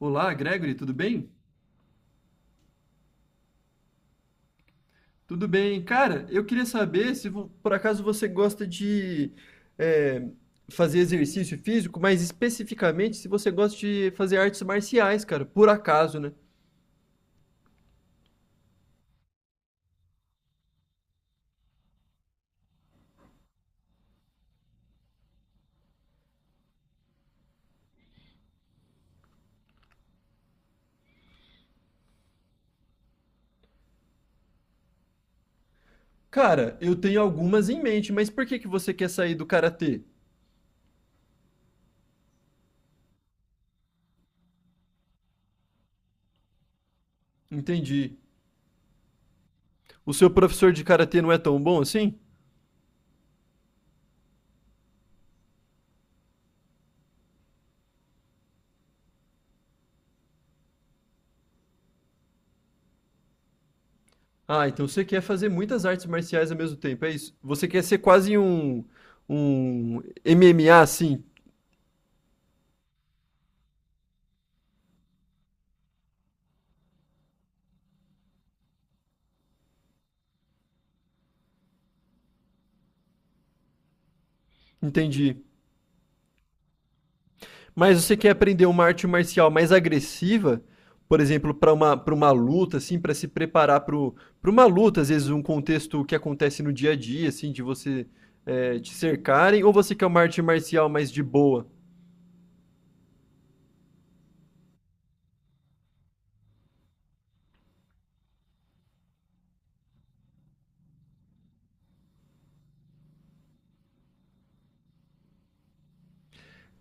Olá, Gregory, tudo bem? Tudo bem. Cara, eu queria saber se por acaso você gosta de é, fazer exercício físico, mas especificamente se você gosta de fazer artes marciais, cara, por acaso, né? Cara, eu tenho algumas em mente, mas por que que você quer sair do karatê? Entendi. O seu professor de karatê não é tão bom assim? Ah, então você quer fazer muitas artes marciais ao mesmo tempo, é isso? Você quer ser quase um MMA, assim? Entendi. Mas você quer aprender uma arte marcial mais agressiva, por exemplo, para uma luta, assim, para se preparar para uma luta, às vezes um contexto que acontece no dia a dia, assim, de você te cercarem, ou você quer uma arte marcial mais de boa?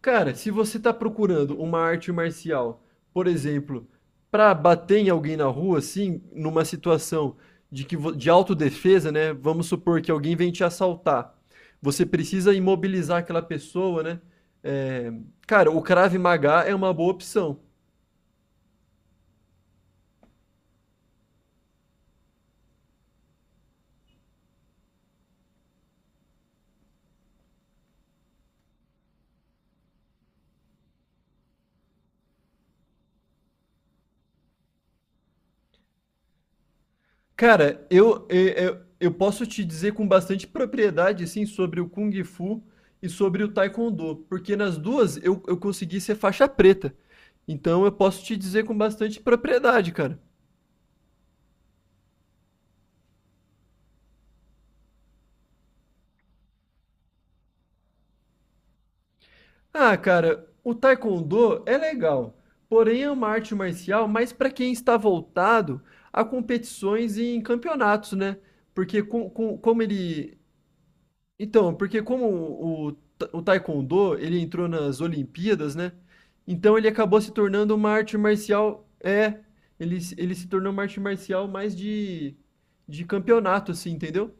Cara, se você está procurando uma arte marcial, por exemplo, para bater em alguém na rua, assim, numa situação de de autodefesa, né? Vamos supor que alguém vem te assaltar. Você precisa imobilizar aquela pessoa, né? É, cara, o Krav Maga é uma boa opção. Cara, eu posso te dizer com bastante propriedade, assim, sobre o Kung Fu e sobre o Taekwondo, porque nas duas eu consegui ser faixa preta. Então eu posso te dizer com bastante propriedade, cara. Ah, cara, o Taekwondo é legal, porém é uma arte marcial mais para quem está voltado a competições e em campeonatos, né? Porque com- como ele, Então, porque o Taekwondo, ele entrou nas Olimpíadas, né? Então ele acabou se tornando uma arte marcial, ele se tornou uma arte marcial mais de campeonato, assim, entendeu?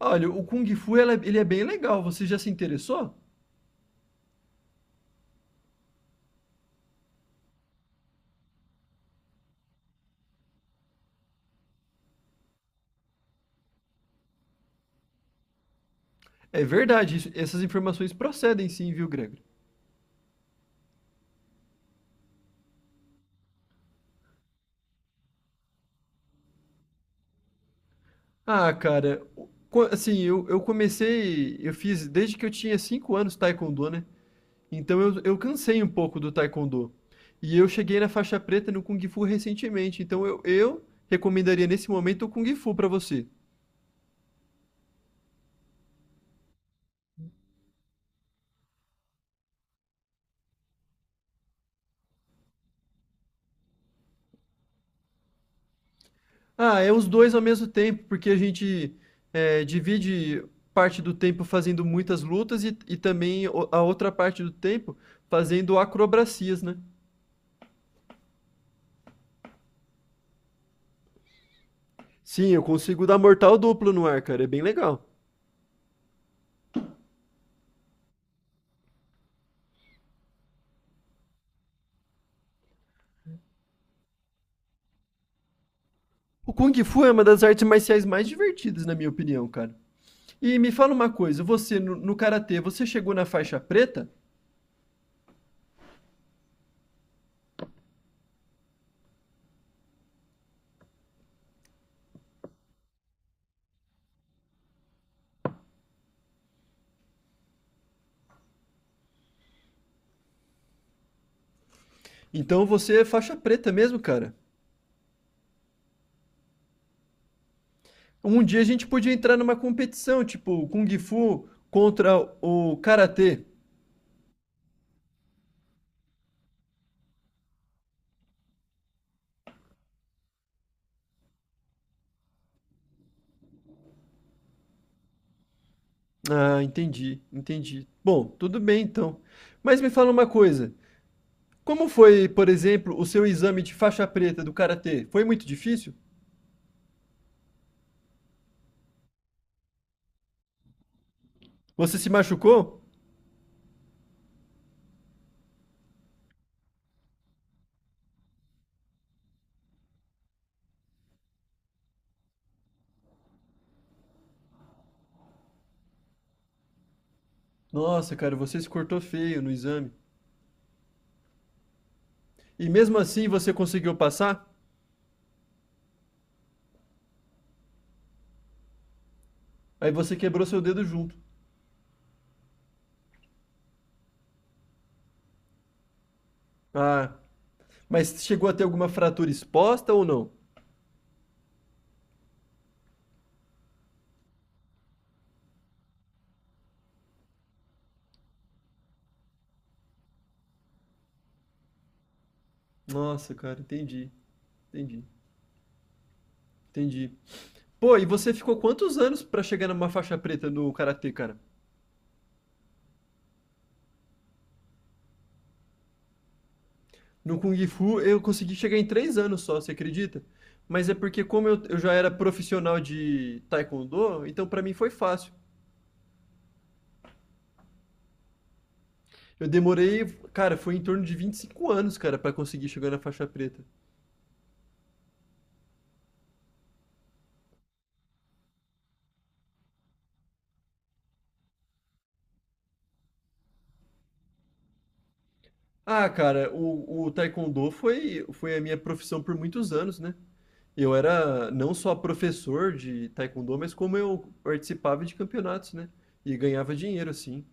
Olha, o Kung Fu, ele é bem legal, você já se interessou? É verdade, essas informações procedem sim, viu, Gregory? Ah, cara, eu comecei, eu fiz desde que eu tinha 5 anos Taekwondo, né? Então eu cansei um pouco do Taekwondo. E eu cheguei na faixa preta no Kung Fu recentemente, então eu recomendaria nesse momento o Kung Fu pra você. Ah, é os dois ao mesmo tempo, porque a gente divide parte do tempo fazendo muitas lutas e também a outra parte do tempo fazendo acrobacias, né? Sim, eu consigo dar mortal duplo no ar, cara, é bem legal. O Kung Fu é uma das artes marciais mais divertidas, na minha opinião, cara. E me fala uma coisa, você no karatê, você chegou na faixa preta? Então você é faixa preta mesmo, cara. Um dia a gente podia entrar numa competição, tipo Kung Fu contra o Karatê. Ah, entendi, entendi. Bom, tudo bem então. Mas me fala uma coisa. Como foi, por exemplo, o seu exame de faixa preta do Karatê? Foi muito difícil? Você se machucou? Nossa, cara, você se cortou feio no exame. E mesmo assim você conseguiu passar? Aí você quebrou seu dedo junto. Ah, mas chegou a ter alguma fratura exposta ou não? Nossa, cara, entendi. Entendi, entendi. Pô, e você ficou quantos anos pra chegar numa faixa preta no karatê, cara? No Kung Fu eu consegui chegar em 3 anos só, você acredita? Mas é porque como eu já era profissional de taekwondo, então pra mim foi fácil. Eu demorei, cara, foi em torno de 25 anos, cara, pra conseguir chegar na faixa preta. Ah, cara, o taekwondo foi a minha profissão por muitos anos, né? Eu era não só professor de taekwondo, mas como eu participava de campeonatos, né? E ganhava dinheiro, assim.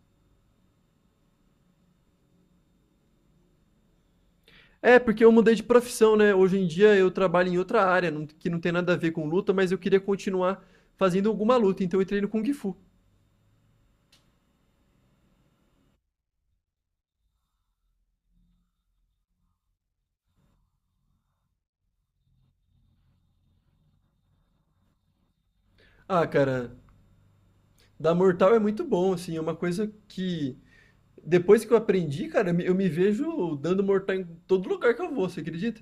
É, porque eu mudei de profissão, né? Hoje em dia eu trabalho em outra área, que não tem nada a ver com luta, mas eu queria continuar fazendo alguma luta, então eu entrei no Kung Fu. Ah, cara, dar mortal é muito bom, assim, é uma coisa que depois que eu aprendi, cara, eu me vejo dando mortal em todo lugar que eu vou, você acredita?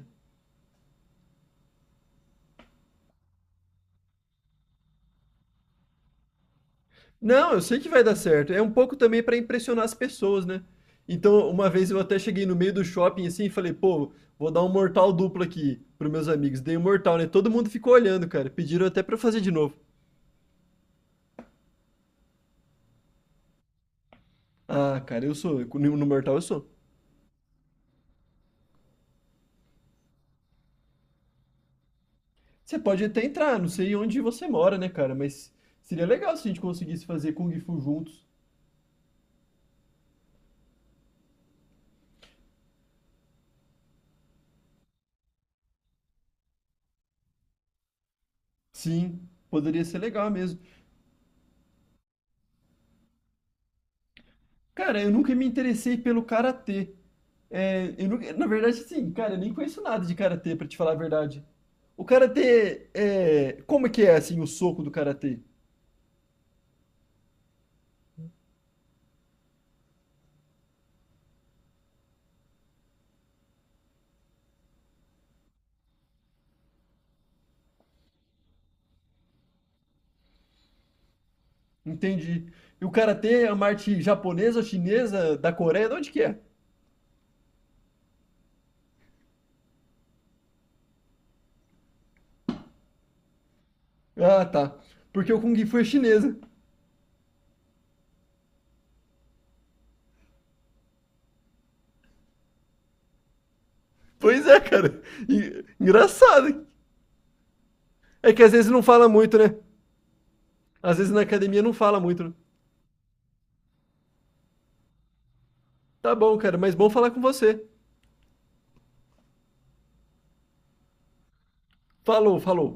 Não, eu sei que vai dar certo. É um pouco também pra impressionar as pessoas, né? Então, uma vez eu até cheguei no meio do shopping assim e falei, pô, vou dar um mortal duplo aqui pros meus amigos. Dei um mortal, né? Todo mundo ficou olhando, cara. Pediram até pra eu fazer de novo. Ah, cara, eu sou. No Mortal eu sou. Você pode até entrar, não sei onde você mora, né, cara? Mas seria legal se a gente conseguisse fazer Kung Fu juntos. Sim, poderia ser legal mesmo. Cara, eu nunca me interessei pelo karatê. É, eu na verdade, sim, cara, eu nem conheço nada de karatê, pra te falar a verdade. O karatê é. Como é que é, assim, o soco do karatê? Entendi. E o karatê é uma arte japonesa, chinesa, da Coreia? De onde que é? Ah, tá. Porque o Kung Fu é chinesa. Pois é, cara. Engraçado. Hein? É que às vezes não fala muito, né? Às vezes na academia não fala muito. Né? Tá bom, cara, mas bom falar com você. Falou, falou.